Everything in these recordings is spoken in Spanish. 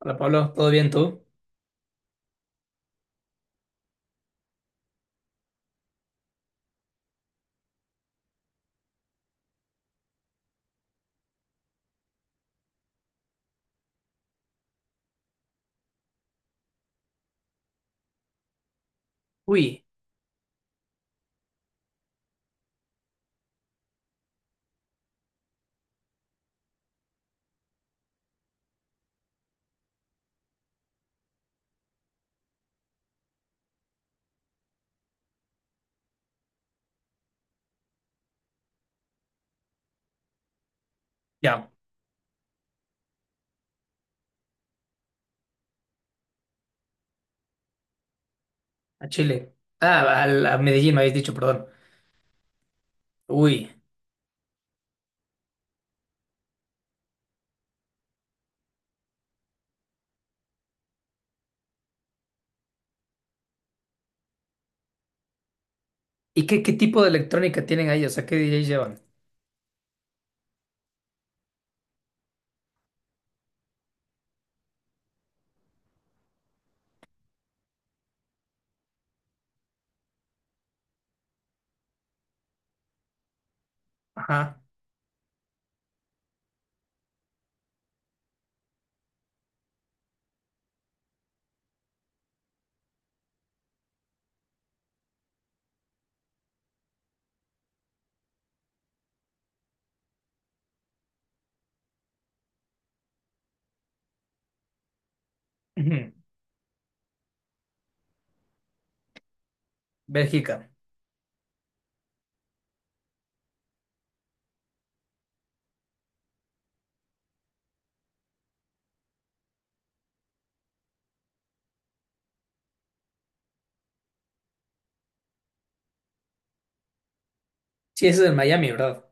Hola Pablo, ¿todo bien tú? Uy, ya, a Chile. Ah, a, la- a Medellín me habéis dicho, perdón. Uy, ¿y qué, qué tipo de electrónica tienen ahí? O sea, ¿qué DJs llevan? Ajá, ujú, Bélgica. Sí, eso es en Miami, ¿verdad?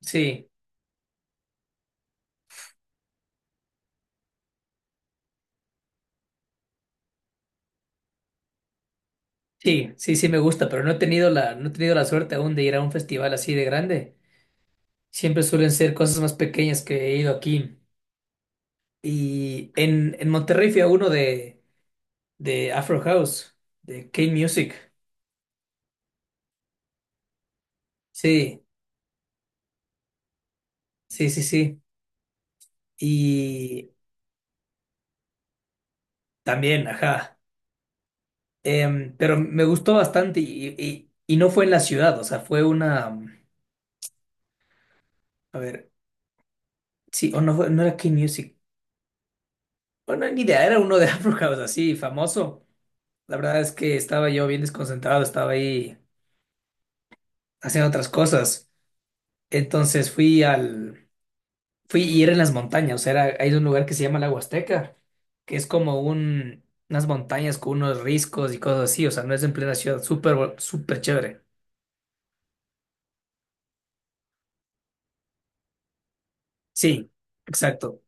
Sí, sí, sí, sí me gusta, pero no he tenido no he tenido la suerte aún de ir a un festival así de grande. Siempre suelen ser cosas más pequeñas que he ido aquí. Y en Monterrey fui a uno de Afro House, de K-Music. Sí, sí, sí, sí. Y también, ajá. Pero me gustó bastante y no fue en la ciudad, o sea, fue una. A ver, sí, o no, no era K-Music. Bueno, ni idea, era uno de Afro House así, famoso. La verdad es que estaba yo bien desconcentrado, estaba ahí haciendo otras cosas. Entonces fui al... Fui y era en las montañas, o sea, era, hay un lugar que se llama la Huasteca, que es como un, unas montañas con unos riscos y cosas así, o sea, no es en plena ciudad, súper, súper chévere. Sí, exacto.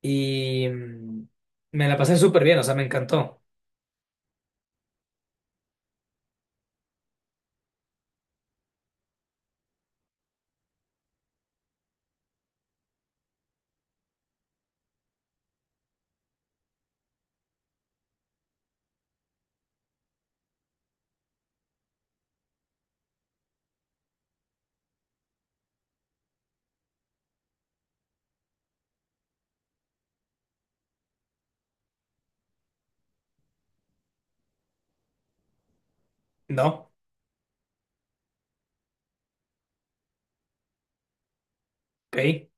y mm, Me la pasé súper bien, o sea, me encantó. No, ok,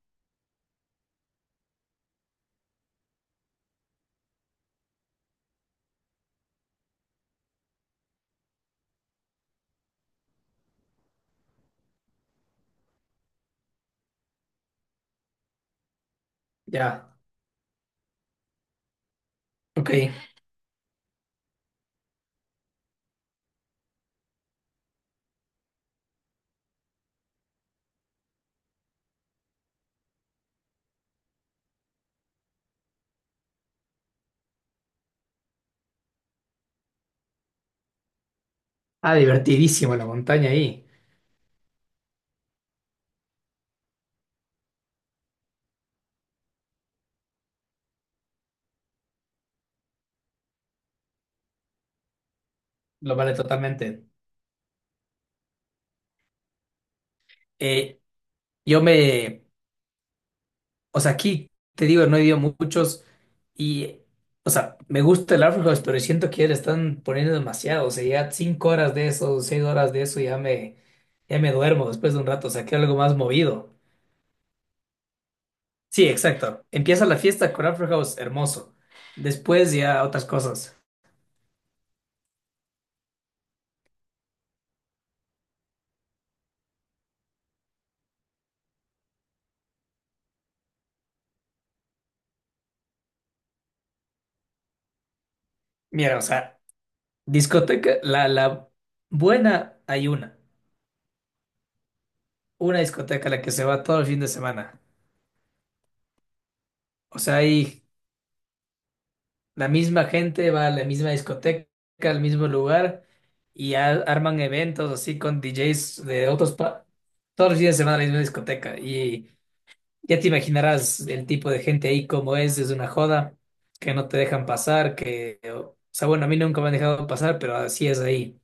ya, ok. Ah, divertidísimo la montaña ahí, lo vale totalmente. Eh, yo me, o sea, aquí te digo, no he ido muchos y, o sea, me gusta el Afrohouse, pero siento que ya le están poniendo demasiado, o sea, ya cinco horas de eso, seis horas de eso, ya me duermo después de un rato, o sea, quiero algo más movido. Sí, exacto. Empieza la fiesta con Afrohouse, hermoso. Después ya otras cosas. Mira, o sea, discoteca, la buena hay una. Una discoteca a la que se va todo el fin de semana. O sea, hay la misma gente, va a la misma discoteca, al mismo lugar, y arman eventos así con DJs de otros pa todos los fines de semana a la misma discoteca. Y ya te imaginarás el tipo de gente ahí como es una joda, que no te dejan pasar, que, o sea, bueno, a mí nunca me han dejado pasar, pero así es ahí,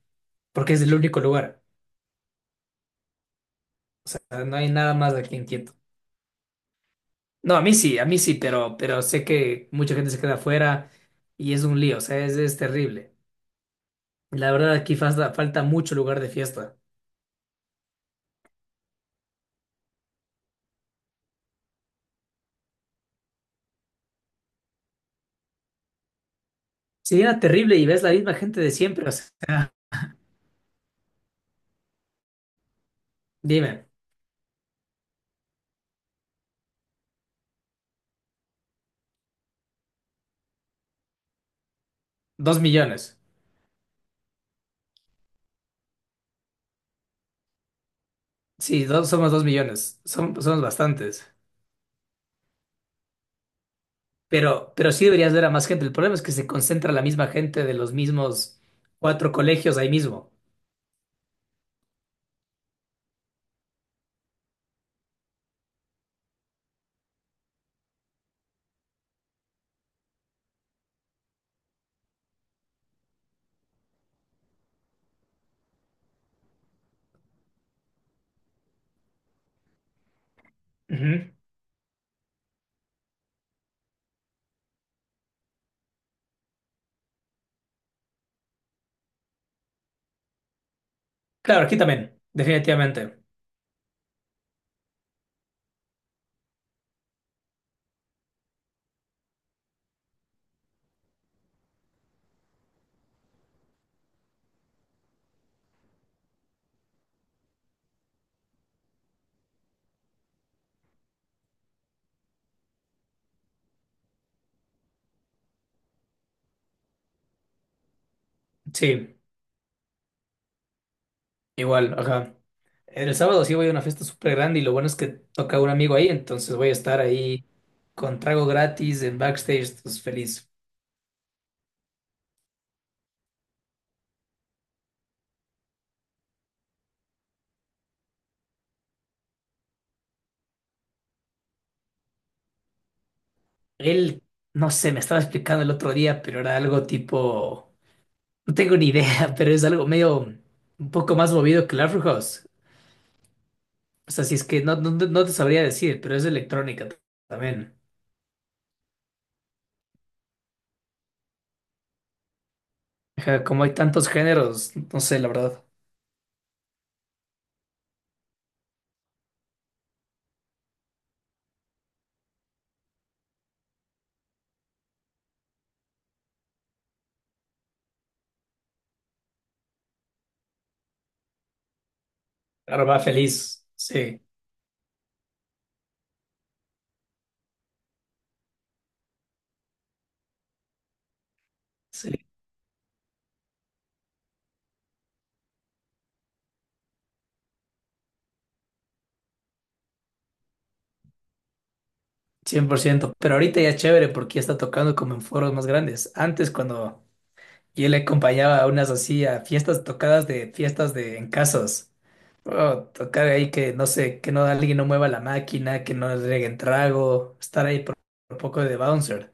porque es el único lugar. O sea, no hay nada más aquí en Quito. No, a mí sí, pero sé que mucha gente se queda afuera y es un lío, o sea, es terrible. La verdad, aquí falta, falta mucho lugar de fiesta. Si era terrible y ves la misma gente de siempre, o sea, dime, 2 millones. Sí, dos, somos 2 millones, somos bastantes. Pero sí deberías ver a más gente. El problema es que se concentra la misma gente de los mismos cuatro colegios ahí mismo. Ujú. Claro, aquí también, definitivamente. Sí. Igual, ajá. El sábado sí voy a una fiesta súper grande y lo bueno es que toca un amigo ahí, entonces voy a estar ahí con trago gratis en backstage, entonces feliz. Él, no sé, me estaba explicando el otro día, pero era algo tipo, no tengo ni idea, pero es algo medio un poco más movido que el Afro House. O sea, si es que no, no, no te sabría decir, pero es electrónica también. Ajá, como hay tantos géneros, no sé, la verdad. Ahora va feliz, sí. Sí. 100%, pero ahorita ya es chévere porque ya está tocando como en foros más grandes. Antes cuando yo le acompañaba a unas así a fiestas tocadas de fiestas de en casas, oh, tocar ahí que no sé, que no alguien no mueva la máquina, que no le reguen trago, estar ahí por un poco de bouncer.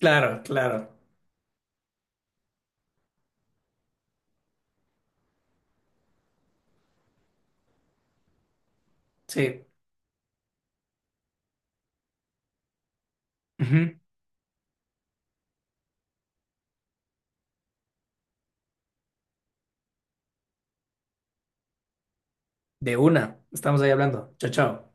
Claro, claro, sí, ujú, de una, estamos ahí hablando. Chao, chao.